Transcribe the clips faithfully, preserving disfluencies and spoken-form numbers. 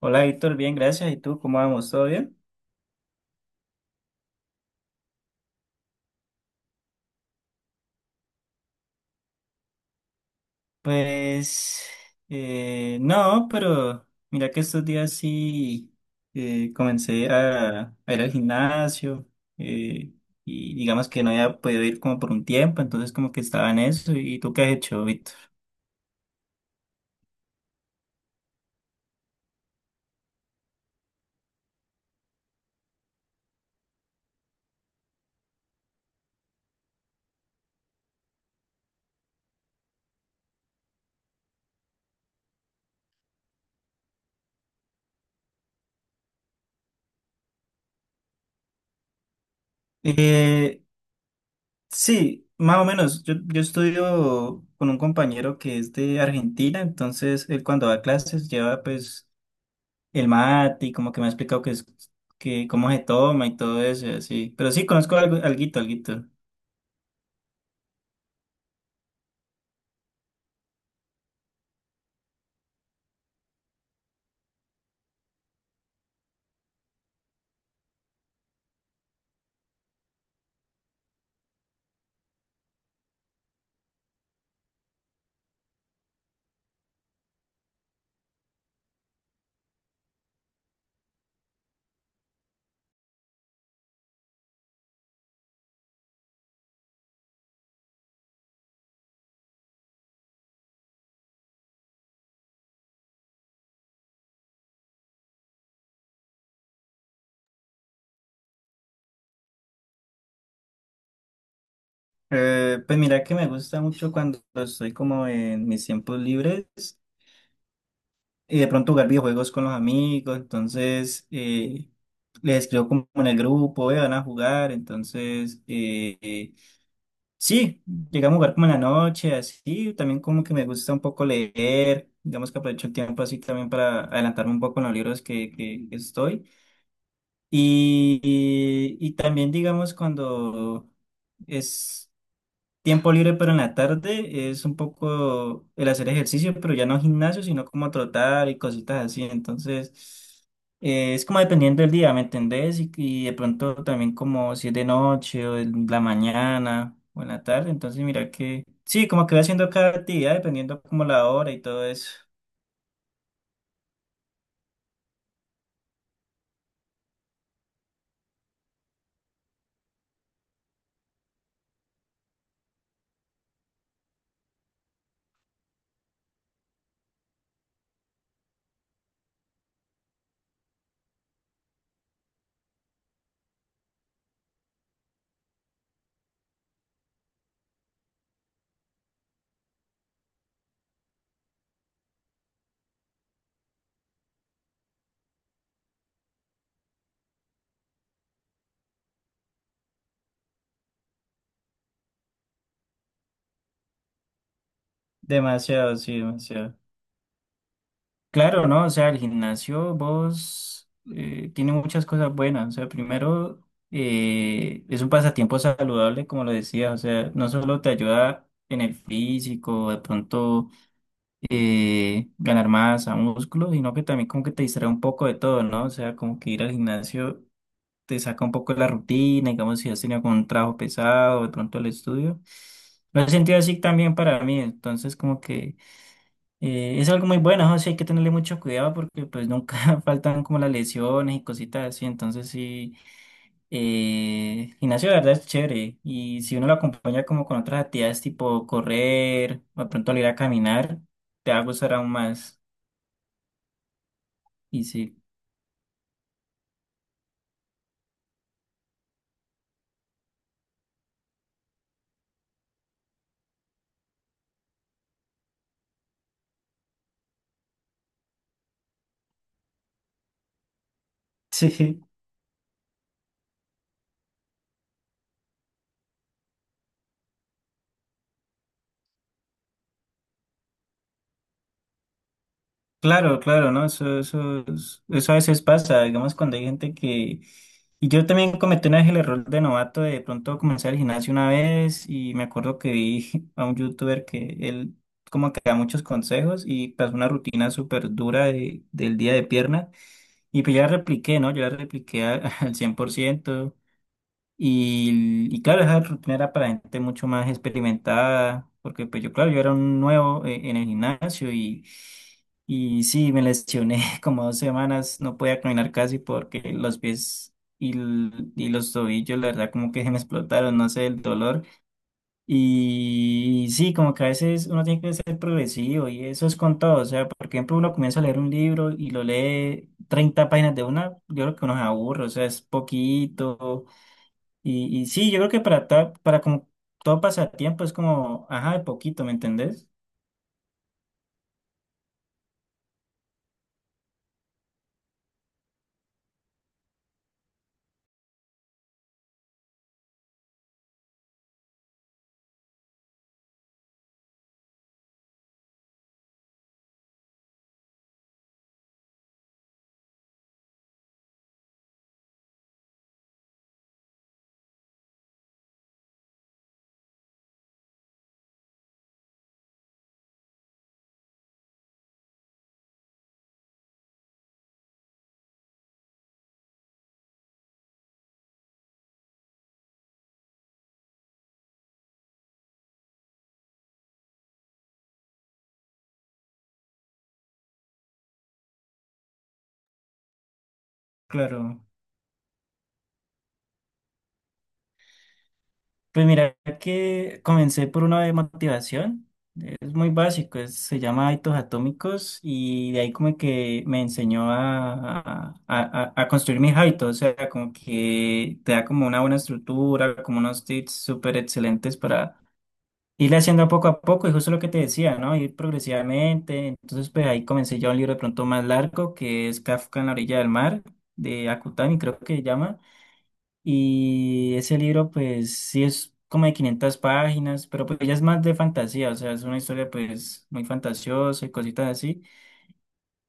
Hola Víctor, bien, gracias. ¿Y tú cómo vamos? ¿Todo bien? Pues eh, no, pero mira que estos días sí, eh, comencé a, a ir al gimnasio, eh, y digamos que no había podido ir como por un tiempo, entonces como que estaba en eso. ¿Y tú qué has hecho, Víctor? Eh, sí, más o menos. Yo, yo estudio con un compañero que es de Argentina, entonces él cuando va a clases lleva pues el mate y como que me ha explicado que es que cómo se toma y todo eso, y así. Pero sí, conozco algo, alguito, alguito. Eh, pues mira que me gusta mucho cuando estoy como en mis tiempos libres y de pronto jugar videojuegos con los amigos, entonces eh, les escribo como en el grupo, "Ve, van a jugar, entonces eh, eh, sí, llegamos a jugar como en la noche", así, también como que me gusta un poco leer, digamos que aprovecho el tiempo así también para adelantarme un poco en los libros que, que que estoy. Y, y- y también, digamos, cuando es tiempo libre, pero en la tarde, es un poco el hacer ejercicio, pero ya no gimnasio, sino como trotar y cositas así. Entonces, eh, es como dependiendo del día, ¿me entendés? Y, y de pronto también como si es de noche o en la mañana o en la tarde. Entonces, mira que, sí, como que voy haciendo cada actividad, dependiendo como la hora y todo eso. Demasiado, sí, demasiado. Claro, ¿no? O sea, el gimnasio, vos, eh, tiene muchas cosas buenas. O sea, primero, eh, es un pasatiempo saludable, como lo decías. O sea, no solo te ayuda en el físico, de pronto eh, ganar masa, músculo, sino que también como que te distrae un poco de todo, ¿no? O sea, como que ir al gimnasio te saca un poco de la rutina, digamos, si has tenido como un trabajo pesado, de pronto el estudio. Lo he sentido así también para mí. Entonces, como que eh, es algo muy bueno, ¿no? Sí, hay que tenerle mucho cuidado porque pues nunca faltan como las lesiones y cositas así, entonces sí, eh, gimnasio de verdad es chévere y si uno lo acompaña como con otras actividades tipo correr o de pronto al ir a caminar, te va a gustar aún más y sí. Sí. Claro, claro, ¿no? Eso, eso, es- eso a veces pasa, digamos, cuando hay gente que... Y yo también cometí una vez el error de novato de pronto comenzar el gimnasio una vez y me acuerdo que vi a un youtuber que él como que da muchos consejos y pasó una rutina súper dura de- del día de pierna y pues ya la repliqué, ¿no? Yo la repliqué a- al cien por ciento. Y, y claro, esa rutina era para gente mucho más experimentada, porque pues yo, claro, yo era un nuevo eh, en el gimnasio y, y sí, me lesioné como dos semanas, no podía caminar casi porque los pies y, l- y los tobillos, la verdad, como que se me explotaron, no sé, el dolor. Y, sí, como que a veces uno tiene que ser progresivo y eso es con todo, o sea, por ejemplo, uno comienza a leer un libro y lo lee treinta páginas de una, yo creo que uno se aburre, o sea, es poquito y, y sí, yo creo que para, ta- para como todo pasatiempo es como, ajá, de poquito, ¿me entendés? Claro. Pues mira que comencé por una de motivación, es muy básico, es- se llama Hábitos Atómicos y de ahí como que me enseñó a, a, a- a construir mis hábitos, o sea, como que te da como una buena estructura, como unos tips súper excelentes para irle haciendo poco a poco, y justo lo que te decía, ¿no? Ir progresivamente. Entonces, pues ahí comencé ya un libro de pronto más largo, que es Kafka en la orilla del mar, de Akutami, creo que se llama. Y ese libro, pues sí es como de quinientas páginas, pero pues ya es más de fantasía, o sea, es una historia pues muy fantasiosa y cositas así.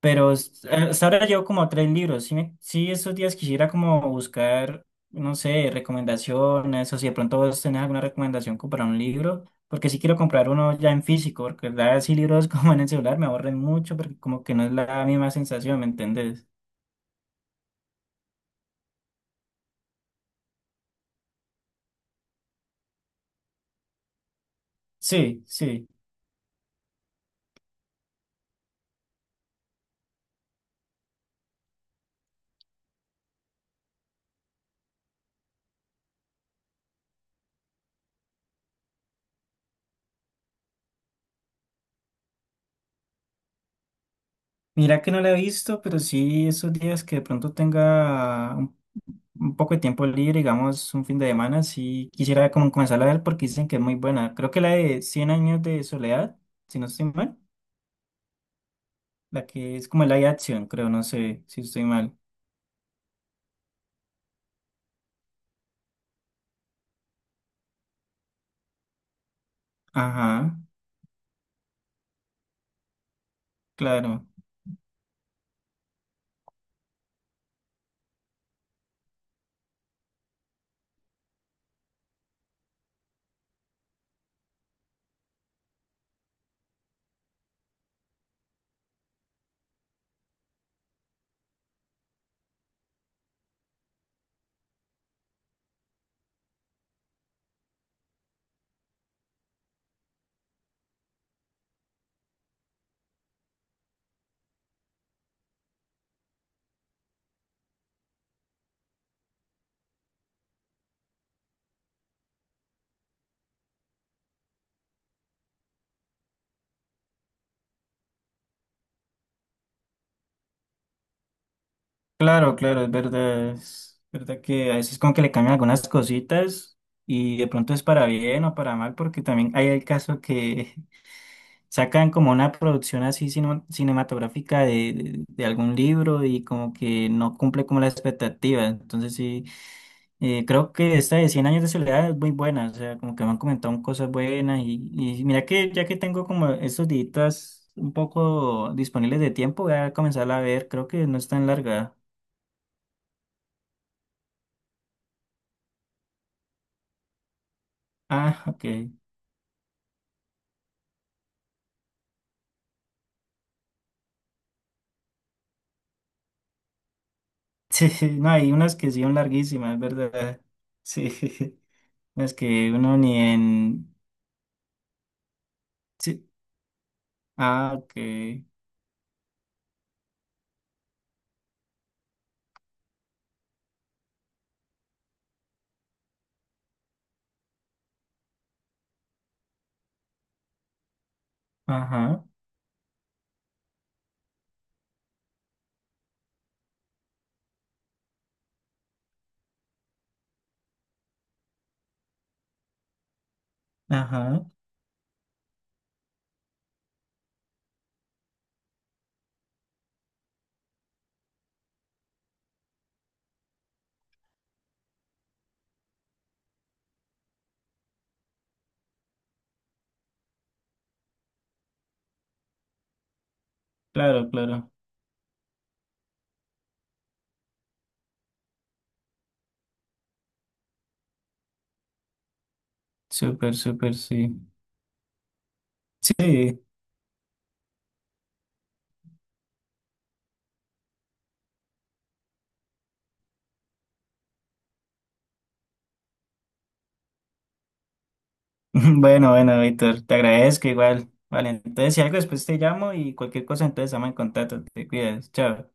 Pero es- hasta ahora llevo como tres libros. Sí, me- sí, esos días quisiera como buscar, no sé, recomendaciones o si de pronto vos tenés alguna recomendación como para un libro, porque sí quiero comprar uno ya en físico, porque la verdad sí libros como en el celular me aburren mucho porque como que no es la misma sensación, ¿me entendés? Sí, sí. Mira que no la he visto, pero sí esos días que de pronto tenga un un poco de tiempo libre, digamos, un fin de semana, sí quisiera como comenzar a ver porque dicen que es muy buena. Creo que la de Cien años de soledad, si no estoy mal, la que es como la de acción, creo, no sé si estoy mal. Ajá, claro, claro, claro, es verdad, es verdad que a veces como que le cambian algunas cositas y de pronto es para bien o para mal porque también hay el caso que sacan como una producción así cine- cinematográfica de, de- de algún libro y como que no cumple como la expectativa. Entonces sí, Eh, creo que esta de Cien años de soledad es muy buena, o sea, como que me han comentado cosas buenas y, y mira que ya que tengo como estos días un poco disponibles de tiempo, voy a comenzarla a ver, creo que no es tan larga. Ah, ok. Sí, no, hay unas que sí son larguísimas, es verdad. Sí, las que uno ni en... Sí. Ah, ok. Ajá, ajá. Claro, claro. Súper, súper, sí. Sí. Bueno, bueno, Víctor, te agradezco igual. Vale, entonces si algo después te llamo y cualquier cosa, entonces estamos en contacto. Te cuidas. Chao.